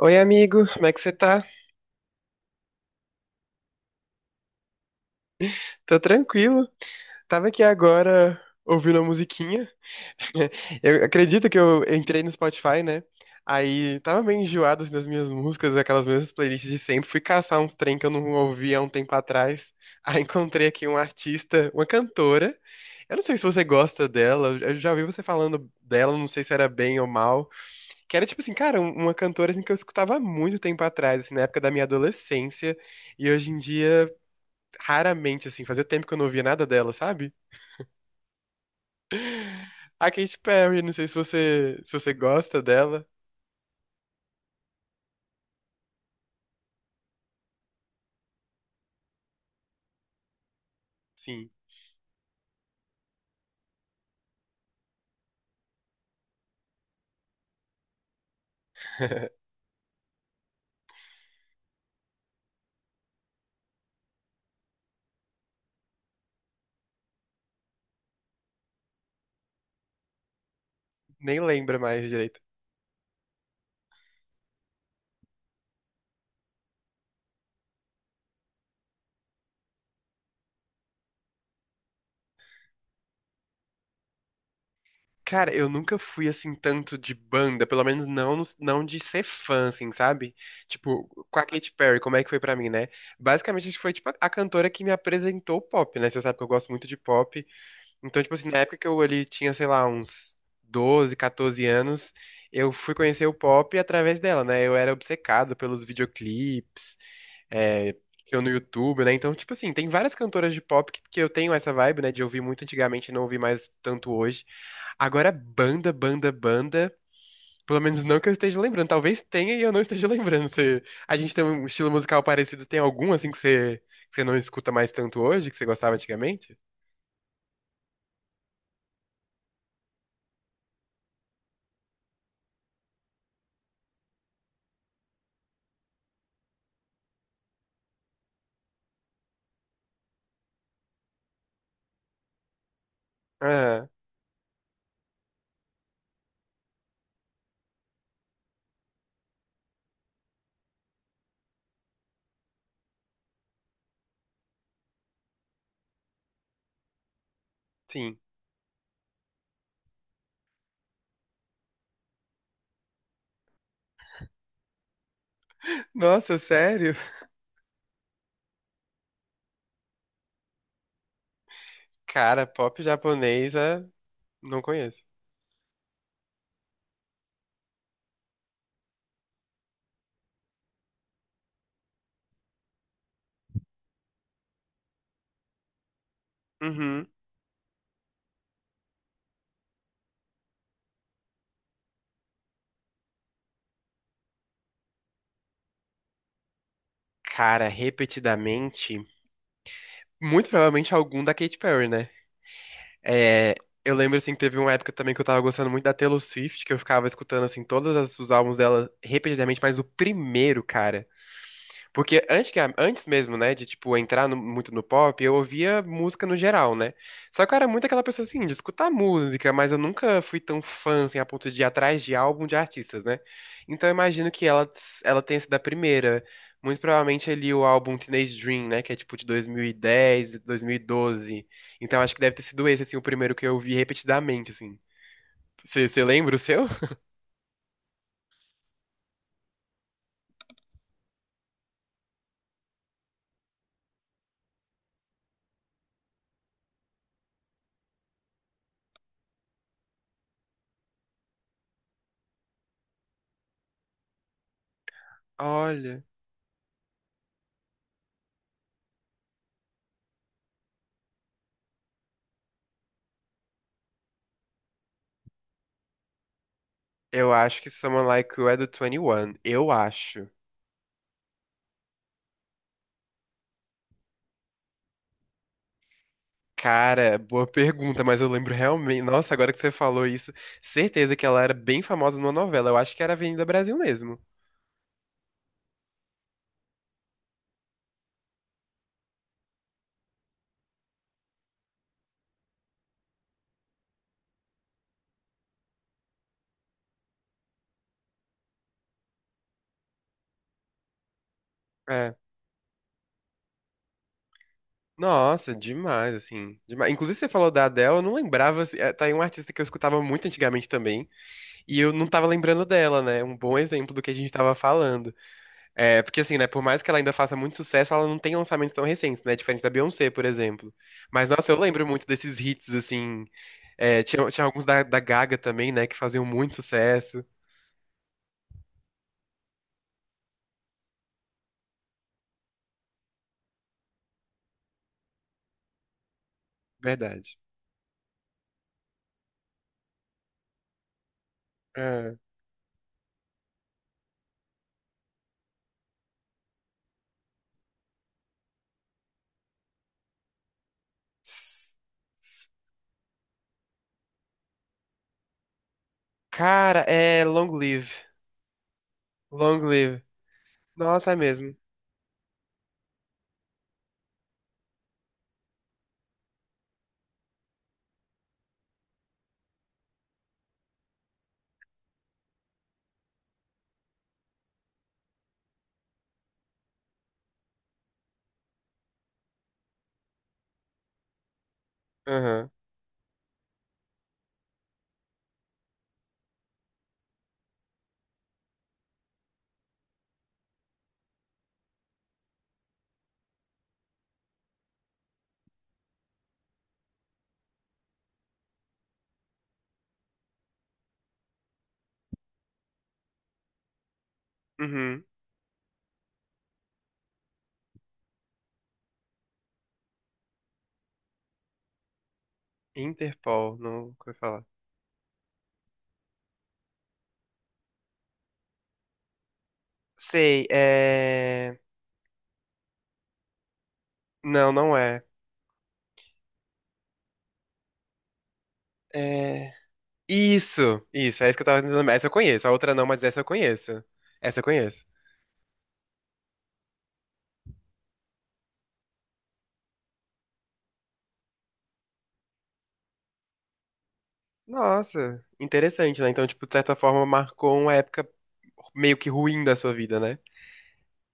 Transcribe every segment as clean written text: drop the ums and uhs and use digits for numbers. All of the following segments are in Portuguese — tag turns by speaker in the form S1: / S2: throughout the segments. S1: Oi, amigo, como é que você tá? Tô tranquilo. Tava aqui agora ouvindo uma musiquinha. Eu acredito que eu entrei no Spotify, né? Aí tava meio enjoado assim, das minhas músicas, aquelas mesmas playlists de sempre. Fui caçar uns trem que eu não ouvia há um tempo atrás. Aí encontrei aqui um artista, uma cantora. Eu não sei se você gosta dela, eu já ouvi você falando dela, não sei se era bem ou mal. Que era tipo assim, cara, uma cantora assim, que eu escutava há muito tempo atrás, assim, na época da minha adolescência. E hoje em dia. Raramente, assim, fazia tempo que eu não ouvia nada dela, sabe? A Katy Perry, não sei se você gosta dela. Sim. Nem lembra mais direito. Cara, eu nunca fui assim tanto de banda, pelo menos não, não de ser fã, assim, sabe? Tipo, com a Katy Perry, como é que foi pra mim, né? Basicamente, a gente foi tipo a cantora que me apresentou o pop, né? Você sabe que eu gosto muito de pop. Então, tipo assim, na época que eu ali tinha, sei lá, uns 12 14 anos, eu fui conhecer o pop através dela, né? Eu era obcecado pelos videoclipes, é, que eu no YouTube, né? Então, tipo assim, tem várias cantoras de pop que eu tenho essa vibe, né? De ouvir muito antigamente e não ouvir mais tanto hoje. Agora, banda, banda, banda. Pelo menos não que eu esteja lembrando. Talvez tenha e eu não esteja lembrando. A gente tem um estilo musical parecido. Tem algum, assim, que você não escuta mais tanto hoje, que você gostava antigamente? Ah, sim. Nossa, sério? Cara, pop japonesa, não conheço. Uhum. Cara, repetidamente, muito provavelmente algum da Katy Perry, né? É, eu lembro, assim, que teve uma época também que eu tava gostando muito da Taylor Swift, que eu ficava escutando, assim, todos os álbuns dela repetidamente, mas o primeiro, cara. Porque antes, antes mesmo, né, de, tipo, entrar muito no pop, eu ouvia música no geral, né? Só que eu era muito aquela pessoa, assim, de escutar música, mas eu nunca fui tão fã, assim, a ponto de ir atrás de álbum de artistas, né? Então eu imagino que ela tenha sido a primeira. Muito provavelmente ali o álbum Teenage Dream, né, que é, tipo, de 2010, 2012. Então acho que deve ter sido esse, assim, o primeiro que eu vi repetidamente, assim. Você lembra o seu? Olha, eu acho que Someone Like You é do 21, eu acho. Cara, boa pergunta, mas eu lembro realmente. Nossa, agora que você falou isso, certeza que ela era bem famosa numa novela. Eu acho que era Avenida Brasil mesmo. É. Nossa, demais, assim. Demais. Inclusive, você falou da Adele, eu não lembrava, assim, é, tá aí um artista que eu escutava muito antigamente também. E eu não tava lembrando dela, né? Um bom exemplo do que a gente tava falando. É, porque assim, né? Por mais que ela ainda faça muito sucesso, ela não tem lançamentos tão recentes, né? Diferente da Beyoncé, por exemplo. Mas, nossa, eu lembro muito desses hits, assim. É, tinha alguns da Gaga também, né? Que faziam muito sucesso. Verdade. Ah. S- Cara, é Long Live. Long Live. Nossa, é mesmo. Aham. Uhum. Interpol, não vou falar. Sei, é. Não, não é. É. Isso, é isso que eu tava tentando lembrar. Essa eu conheço, a outra não, mas essa eu conheço. Essa eu conheço. Nossa, interessante, né? Então, tipo, de certa forma, marcou uma época meio que ruim da sua vida, né?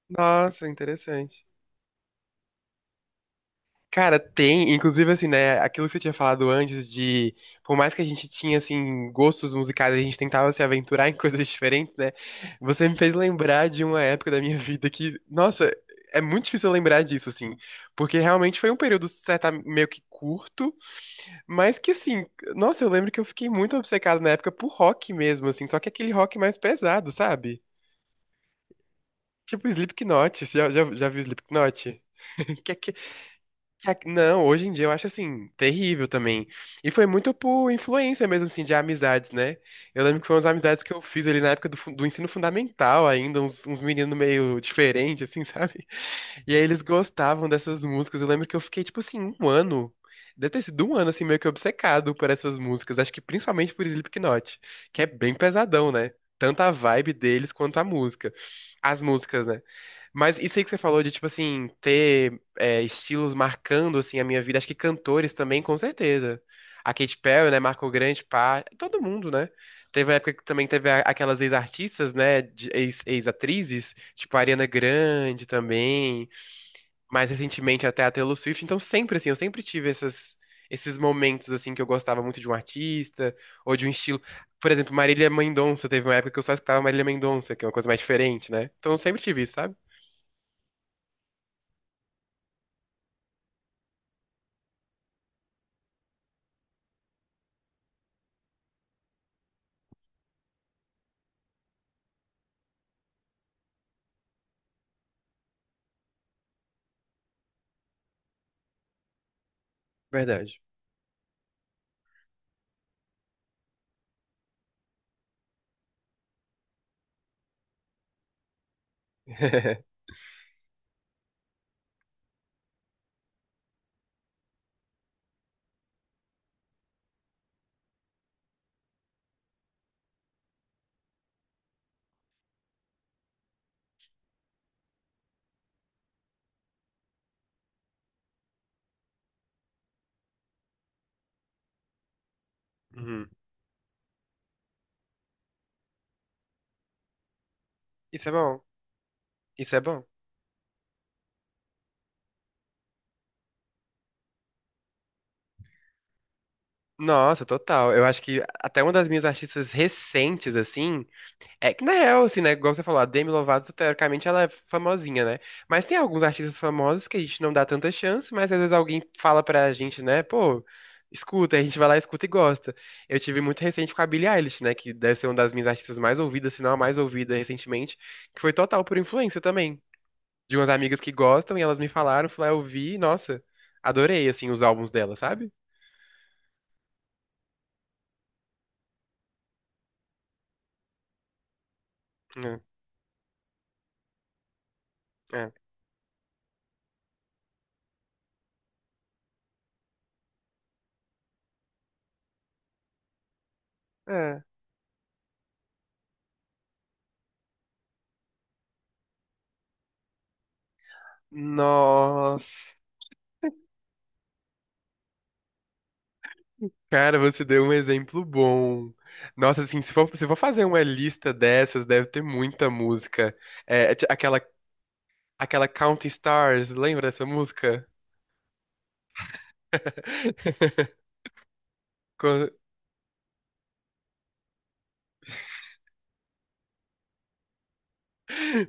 S1: Nossa, interessante. Cara, tem, inclusive assim, né, aquilo que você tinha falado antes de, por mais que a gente tinha assim gostos musicais, a gente tentava se aventurar em coisas diferentes, né? Você me fez lembrar de uma época da minha vida que, nossa, é muito difícil eu lembrar disso assim, porque realmente foi um período certa meio que curto, mas que assim, nossa, eu lembro que eu fiquei muito obcecado na época por rock mesmo, assim, só que aquele rock mais pesado, sabe? Tipo Slipknot, você já viu Slipknot? Que é não, hoje em dia eu acho assim, terrível também. E foi muito por influência mesmo, assim, de amizades, né? Eu lembro que foi umas amizades que eu fiz ali na época do ensino fundamental ainda, uns meninos meio diferentes, assim, sabe? E aí eles gostavam dessas músicas. Eu lembro que eu fiquei, tipo assim, um ano. Deve ter sido um ano, assim, meio que obcecado por essas músicas. Acho que principalmente por Slipknot, que é bem pesadão, né? Tanto a vibe deles quanto a música. As músicas, né? Mas isso aí que você falou de, tipo assim, ter estilos marcando, assim, a minha vida. Acho que cantores também, com certeza. A Katy Perry, né, marcou grande parte. Todo mundo, né? Teve uma época que também teve aquelas ex-artistas, né, ex-atrizes, tipo a Ariana Grande também. Mais recentemente até a Taylor Swift. Então sempre, assim, eu sempre tive essas... Esses momentos, assim, que eu gostava muito de um artista ou de um estilo. Por exemplo, Marília Mendonça, teve uma época que eu só escutava Marília Mendonça, que é uma coisa mais diferente, né? Então eu sempre tive isso, sabe? Verdade. Uhum. Isso é bom. Isso é bom. Nossa, total. Eu acho que até uma das minhas artistas recentes, assim. É que na real, assim, né? Igual você falou, a Demi Lovato, teoricamente, ela é famosinha, né? Mas tem alguns artistas famosos que a gente não dá tanta chance, mas às vezes alguém fala pra gente, né? Pô, escuta, aí a gente vai lá, escuta e gosta. Eu tive muito recente com a Billie Eilish, né? Que deve ser uma das minhas artistas mais ouvidas, se não a mais ouvida recentemente, que foi total por influência também. De umas amigas que gostam e elas me falaram, fui lá, eu vi, e, nossa, adorei, assim, os álbuns dela, sabe? É, é. É. Nossa. Cara, você deu um exemplo bom. Nossa, assim, se for fazer uma lista dessas, deve ter muita música. É, aquela Counting Stars, lembra dessa música? Co-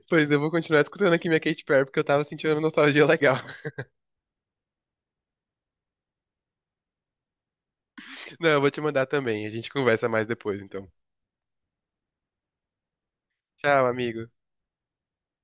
S1: Pois eu vou continuar escutando aqui minha Katy Perry, porque eu tava sentindo uma nostalgia legal. Não, eu vou te mandar também. A gente conversa mais depois, então. Tchau, amigo.